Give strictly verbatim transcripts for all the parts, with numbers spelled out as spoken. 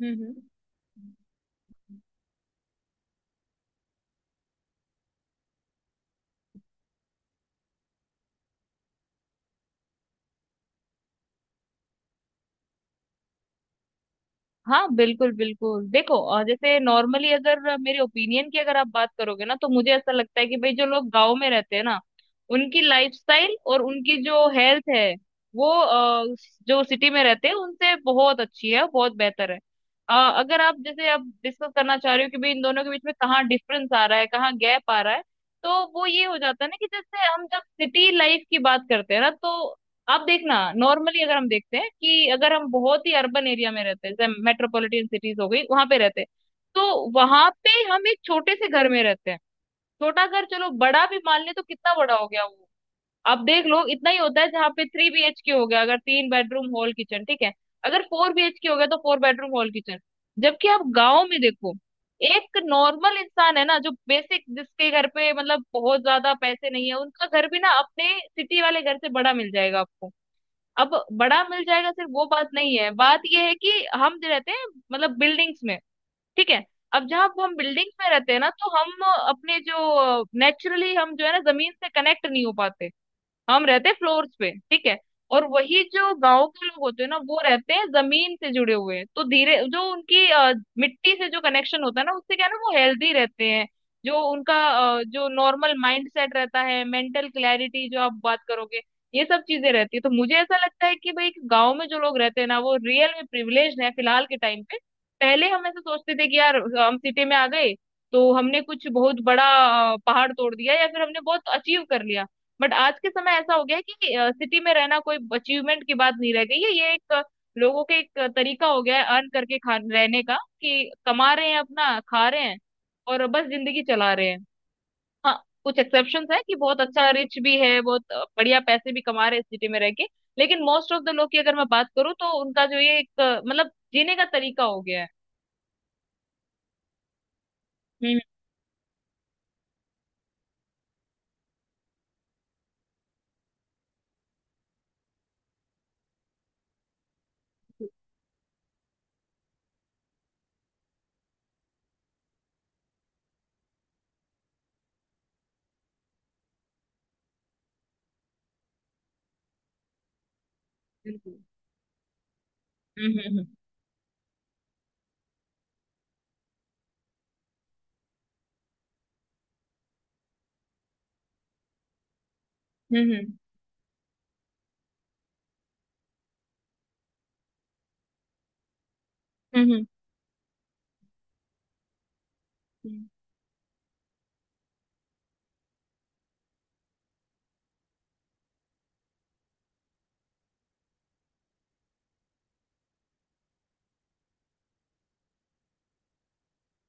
हम्म हम्म। हाँ, बिल्कुल बिल्कुल, देखो। और जैसे नॉर्मली अगर मेरे ओपिनियन की अगर आप बात करोगे ना, तो मुझे ऐसा लगता है कि भाई जो लोग गांव में रहते हैं ना, उनकी लाइफस्टाइल और उनकी जो हेल्थ है, वो अ, जो सिटी में रहते हैं उनसे बहुत अच्छी है, बहुत बेहतर है। अ, अगर आप जैसे आप डिस्कस करना चाह रहे हो कि भाई इन दोनों के बीच में कहाँ डिफरेंस आ रहा है, कहाँ गैप आ रहा है, तो वो ये हो जाता है ना कि जैसे हम जब सिटी लाइफ की बात करते हैं ना, तो आप देखना, नॉर्मली अगर हम देखते हैं कि अगर हम बहुत ही अर्बन एरिया में रहते हैं, जैसे मेट्रोपॉलिटन सिटीज हो गई, वहां पे रहते हैं तो वहां पे हम एक छोटे से घर में रहते हैं। छोटा घर, चलो बड़ा भी मान ले तो कितना बड़ा हो गया वो? आप देख लो, इतना ही होता है। जहाँ पे थ्री बी एच के हो गया, अगर तीन बेडरूम हॉल किचन, ठीक है, अगर फोर बी एच के हो गया तो फोर बेडरूम हॉल किचन। जबकि आप गाँव में देखो, एक नॉर्मल इंसान है ना, जो बेसिक, जिसके घर पे मतलब बहुत ज्यादा पैसे नहीं है, उनका घर भी ना अपने सिटी वाले घर से बड़ा मिल जाएगा आपको। अब बड़ा मिल जाएगा सिर्फ वो बात नहीं है, बात ये है कि हम जो रहते हैं मतलब बिल्डिंग्स में, ठीक है, अब जहाँ हम बिल्डिंग्स में रहते हैं ना, तो हम अपने जो नेचुरली, हम जो है ना, जमीन से कनेक्ट नहीं हो पाते। हम रहते हैं फ्लोर्स पे, ठीक है। और वही जो गांव के लोग होते हैं ना, वो रहते हैं जमीन से जुड़े हुए हैं, तो धीरे जो उनकी अ, मिट्टी से जो कनेक्शन होता है ना, उससे क्या है ना वो हेल्दी रहते हैं। जो उनका अ, जो नॉर्मल माइंड सेट रहता है, मेंटल क्लैरिटी जो आप बात करोगे, ये सब चीजें रहती है। तो मुझे ऐसा लगता है कि भाई गांव में जो लोग रहते हैं ना, वो रियल में प्रिविलेज है फिलहाल के टाइम पे। पहले हम ऐसा सोचते थे कि यार हम सिटी में आ गए तो हमने कुछ बहुत बड़ा अ, पहाड़ तोड़ दिया या फिर हमने बहुत अचीव कर लिया। बट आज के समय ऐसा हो गया है कि सिटी में रहना कोई अचीवमेंट की बात नहीं रह गई है। ये एक अ, लोगों के एक अ, तरीका हो गया है अर्न करके खा रहने का, कि कमा रहे हैं, अपना खा रहे हैं, और बस जिंदगी चला रहे हैं। हाँ, कुछ एक्सेप्शंस है कि बहुत अच्छा रिच भी है, बहुत अ, बढ़िया पैसे भी कमा रहे हैं सिटी में रह के। लेकिन मोस्ट ऑफ द लोग की अगर मैं बात करूँ, तो उनका जो ये एक अ, मतलब जीने का तरीका हो गया है। हम्म। बिल्कुल। हम्म हम्म हम्म हम्म हम्म हम्म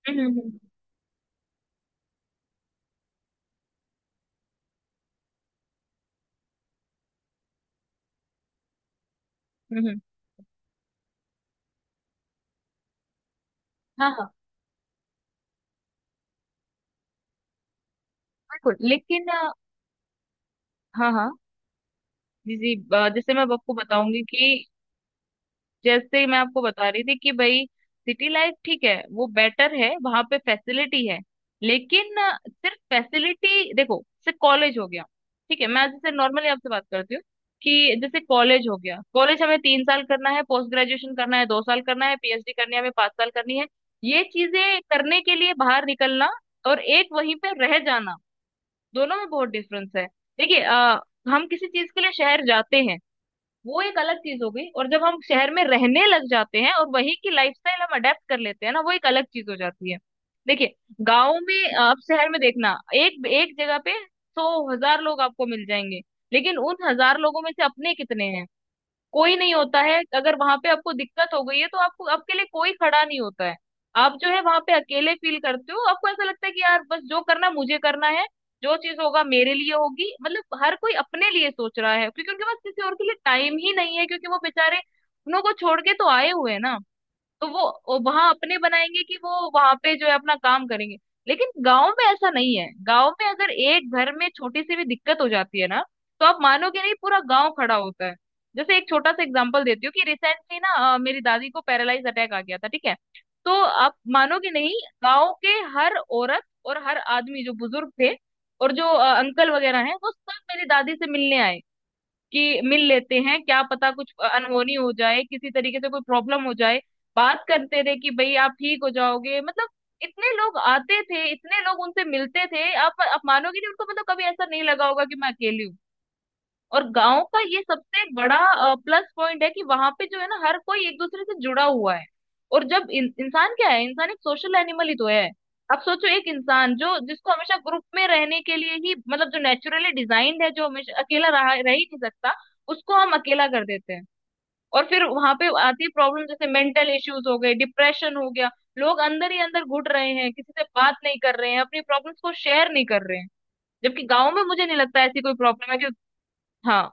हम्म हम्म हम्म, हम्म, हम्म, हाँ हाँ। बिल्कुल लेकिन अ, हाँ हाँ। जी जी। अ, जैसे मैं अब आपको बताऊंगी कि जैसे मैं आपको बता रही थी कि भाई सिटी लाइफ ठीक है, वो बेटर है, वहां पे फैसिलिटी है। लेकिन अ, सिर्फ फैसिलिटी देखो, जैसे कॉलेज हो गया, ठीक है। मैं जैसे नॉर्मली आपसे बात करती हूँ कि जैसे कॉलेज हो गया, कॉलेज हमें तीन साल करना है, पोस्ट ग्रेजुएशन करना है दो साल करना है, पीएचडी करनी है हमें पांच साल करनी है। ये चीजें करने के लिए बाहर निकलना, और एक वहीं पे रह जाना, दोनों में बहुत डिफरेंस है। देखिए, अ, हम किसी चीज के लिए शहर जाते हैं, वो एक अलग चीज हो गई, और जब हम शहर में रहने लग जाते हैं और वहीं की लाइफस्टाइल हम अडेप्ट कर लेते हैं ना, वो एक अलग चीज हो जाती है। देखिए, गांव में, आप शहर में देखना, एक एक जगह पे सौ हजार लोग आपको मिल जाएंगे। लेकिन उन हजार लोगों में से अपने कितने हैं? कोई नहीं होता है। अगर वहां पे आपको दिक्कत हो गई है तो आपको, आपके लिए कोई खड़ा नहीं होता है। आप जो है वहां पे अकेले फील करते हो। आपको ऐसा लगता है कि यार बस जो करना है, मुझे करना है, जो चीज होगा मेरे लिए होगी, मतलब हर कोई अपने लिए सोच रहा है, क्योंकि उनके पास किसी और के लिए टाइम ही नहीं है, क्योंकि वो बेचारे अपनों को छोड़ के तो आए हुए हैं ना, तो वो वहां अपने बनाएंगे, कि वो वहां पे जो है अपना काम करेंगे। लेकिन गांव में ऐसा नहीं है। गांव में अगर एक घर में छोटी सी भी दिक्कत हो जाती है ना, तो आप मानोगे नहीं, पूरा गांव खड़ा होता है। जैसे एक छोटा सा एग्जांपल देती हूँ कि रिसेंटली ना अ, मेरी दादी को पैरालाइज अटैक आ गया था, ठीक है। तो आप मानोगे नहीं, गांव के हर औरत और हर आदमी जो बुजुर्ग थे, और जो अ, अंकल वगैरह हैं, वो सब मेरी दादी से मिलने आए कि मिल लेते हैं, क्या पता कुछ अनहोनी हो जाए, किसी तरीके से कोई प्रॉब्लम हो जाए। बात करते थे कि भाई आप ठीक हो जाओगे, मतलब इतने लोग आते थे, इतने लोग उनसे मिलते थे, आप आप मानोगे नहीं, उनको मतलब कभी ऐसा नहीं लगा होगा कि मैं अकेली हूँ। और गांव का ये सबसे बड़ा प्लस पॉइंट है कि वहां पे जो है ना, हर कोई एक दूसरे से जुड़ा हुआ है। और जब इन, इंसान क्या है? इंसान एक सोशल एनिमल ही तो है। अब सोचो, एक इंसान जो जिसको हमेशा ग्रुप में रहने के लिए ही, मतलब जो नेचुरली डिजाइंड है, जो हमेशा अकेला रहा रह ही नहीं सकता, उसको हम अकेला कर देते हैं। और फिर वहां पे आती है प्रॉब्लम, जैसे मेंटल इश्यूज हो गए, डिप्रेशन हो गया, लोग अंदर ही अंदर घुट रहे हैं, किसी से बात नहीं कर रहे हैं, अपनी प्रॉब्लम्स को शेयर नहीं कर रहे हैं। जबकि गाँव में मुझे नहीं लगता ऐसी कोई प्रॉब्लम है कि। हाँ,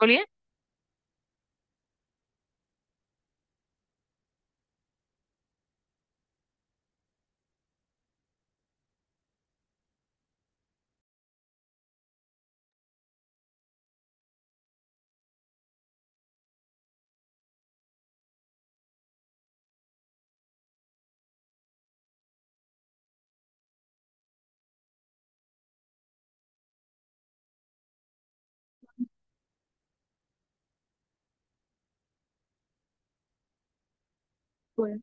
बोलिए। बिल्कुल।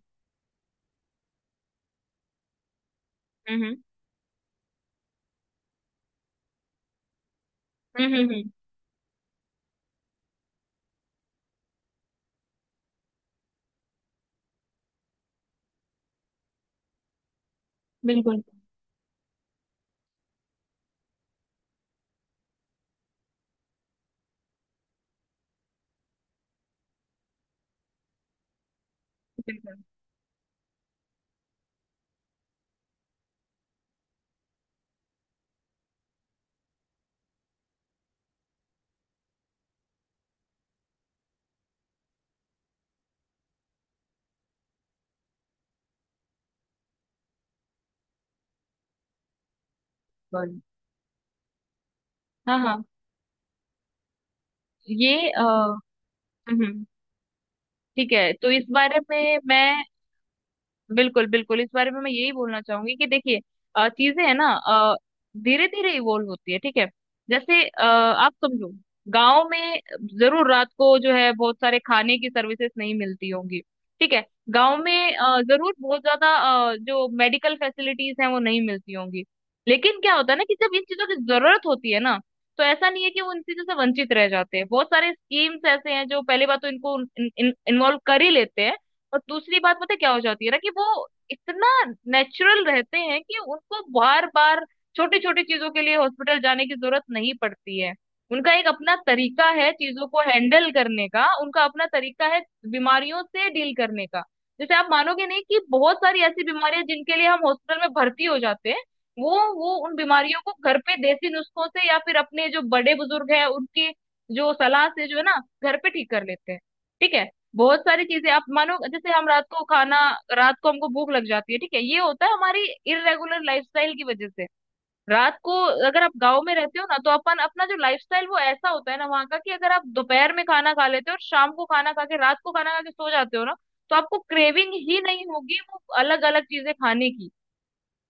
हम्म हम्म हम्म हम्म, हम्म, बिल्कुल बिल्कुल। बिल्कुल। हाँ हाँ। ये अ, हम्म। ठीक है, तो इस बारे में मैं, बिल्कुल बिल्कुल, इस बारे में मैं यही बोलना चाहूंगी कि देखिए, अ, चीजें है ना, धीरे धीरे इवोल्व होती है, ठीक है। जैसे अ, आप समझो, गांव में जरूर रात को जो है बहुत सारे खाने की सर्विसेज नहीं मिलती होंगी, ठीक है। गांव में अ, जरूर बहुत ज्यादा अ, जो मेडिकल फैसिलिटीज हैं वो नहीं मिलती होंगी। लेकिन क्या होता है ना, कि जब इन चीजों की जरूरत होती है ना, तो ऐसा नहीं है कि वो इन चीजों से वंचित रह जाते हैं। बहुत सारे स्कीम्स ऐसे हैं जो पहले बात तो इनको इन्वॉल्व कर ही लेते हैं। और दूसरी बात पता है क्या हो जाती है ना, कि वो इतना नेचुरल रहते हैं कि उनको बार बार छोटी छोटी चीजों के लिए हॉस्पिटल जाने की जरूरत नहीं पड़ती है। उनका एक अपना तरीका है चीजों को हैंडल करने का, उनका अपना तरीका है बीमारियों से डील करने का। जैसे आप मानोगे नहीं कि बहुत सारी ऐसी बीमारियां जिनके लिए हम हॉस्पिटल में भर्ती हो जाते हैं, वो वो उन बीमारियों को घर पे देसी नुस्खों से, या फिर अपने जो बड़े बुजुर्ग हैं उनकी जो सलाह से जो है ना, घर पे ठीक कर लेते हैं, ठीक है। बहुत सारी चीजें, आप मानो, जैसे हम रात को खाना, रात को हमको भूख लग जाती है, ठीक है, ये होता है हमारी इरेगुलर लाइफस्टाइल की वजह से। रात को, अगर आप गांव में रहते हो ना, तो अपन अपना जो लाइफस्टाइल, वो ऐसा होता है ना वहाँ का, कि अगर आप दोपहर में खाना खा लेते हो, और शाम को खाना खा के, रात को खाना खा के सो जाते हो ना, तो आपको क्रेविंग ही नहीं होगी वो अलग अलग चीजें खाने की,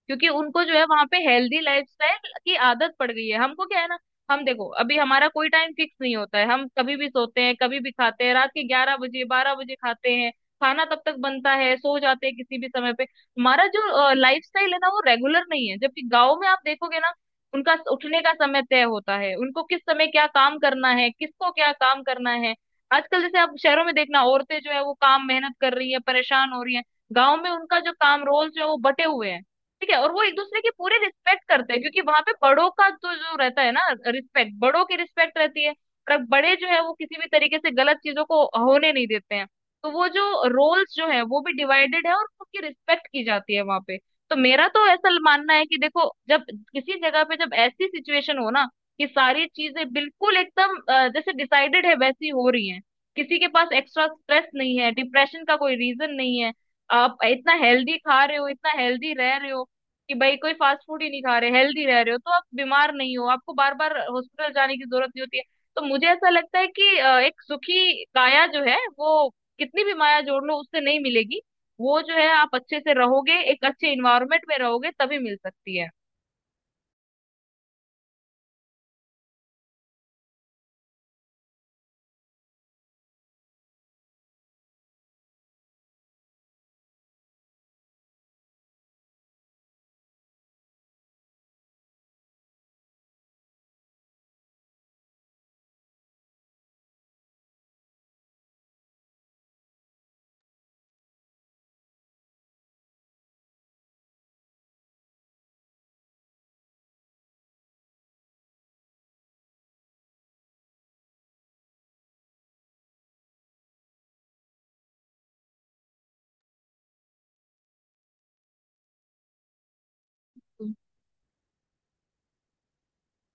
क्योंकि उनको जो है वहां पे हेल्दी लाइफस्टाइल की आदत पड़ गई है। हमको क्या है ना, हम देखो अभी हमारा कोई टाइम फिक्स नहीं होता है, हम कभी भी सोते हैं, कभी भी खाते हैं, रात के ग्यारह बजे बारह बजे खाते हैं, खाना तब तक बनता है, सो जाते हैं किसी भी समय पे, हमारा जो लाइफस्टाइल है ना वो रेगुलर नहीं है। जबकि गाँव में आप देखोगे ना, उनका उठने का समय तय होता है, उनको किस समय क्या काम करना है, किसको क्या काम करना है। आजकल जैसे आप शहरों में देखना, औरतें जो है वो काम मेहनत कर रही है, परेशान हो रही है। गाँव में उनका जो काम रोल जो है वो बटे हुए हैं, ठीक है, और वो एक दूसरे की पूरी रिस्पेक्ट करते हैं, क्योंकि वहां पे बड़ों का तो जो रहता है ना, रिस्पेक्ट, बड़ों की रिस्पेक्ट रहती है। पर बड़े जो है वो किसी भी तरीके से गलत चीजों को होने नहीं देते हैं। तो वो जो रोल्स जो है वो भी डिवाइडेड है, और उसकी रिस्पेक्ट की जाती है वहां पे। तो मेरा तो ऐसा मानना है कि देखो, जब किसी जगह पे जब ऐसी सिचुएशन हो ना, कि सारी चीजें बिल्कुल एकदम अ, जैसे डिसाइडेड है वैसी हो रही है, किसी के पास एक्स्ट्रा स्ट्रेस नहीं है, डिप्रेशन का कोई रीजन नहीं है, आप इतना हेल्दी खा रहे हो, इतना हेल्दी रह रहे हो, कि भाई कोई फास्ट फूड ही नहीं खा रहे, हेल्दी रह रहे हो तो आप बीमार नहीं हो, आपको बार बार हॉस्पिटल जाने की जरूरत नहीं होती है। तो मुझे ऐसा लगता है कि अ, एक सुखी काया जो है वो कितनी भी माया जोड़ लो उससे नहीं मिलेगी। वो जो है, आप अच्छे से रहोगे, एक अच्छे इन्वायरमेंट में रहोगे तभी मिल सकती है।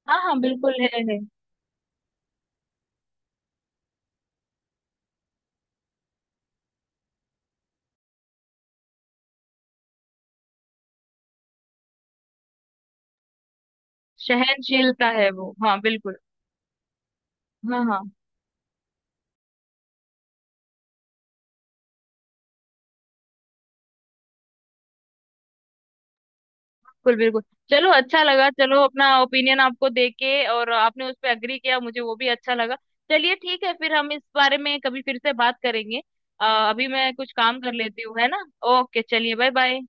हाँ हाँ, बिल्कुल है, है। सहनशीलता है वो, हाँ बिल्कुल। हाँ हाँ। बिल्कुल बिल्कुल। चलो, अच्छा लगा, चलो अपना ओपिनियन आपको देके, और आपने उस पर अग्री किया, मुझे वो भी अच्छा लगा। चलिए ठीक है, फिर हम इस बारे में कभी फिर से बात करेंगे। अ, अभी मैं कुछ काम कर लेती हूँ, है ना। ओके, चलिए, बाय बाय।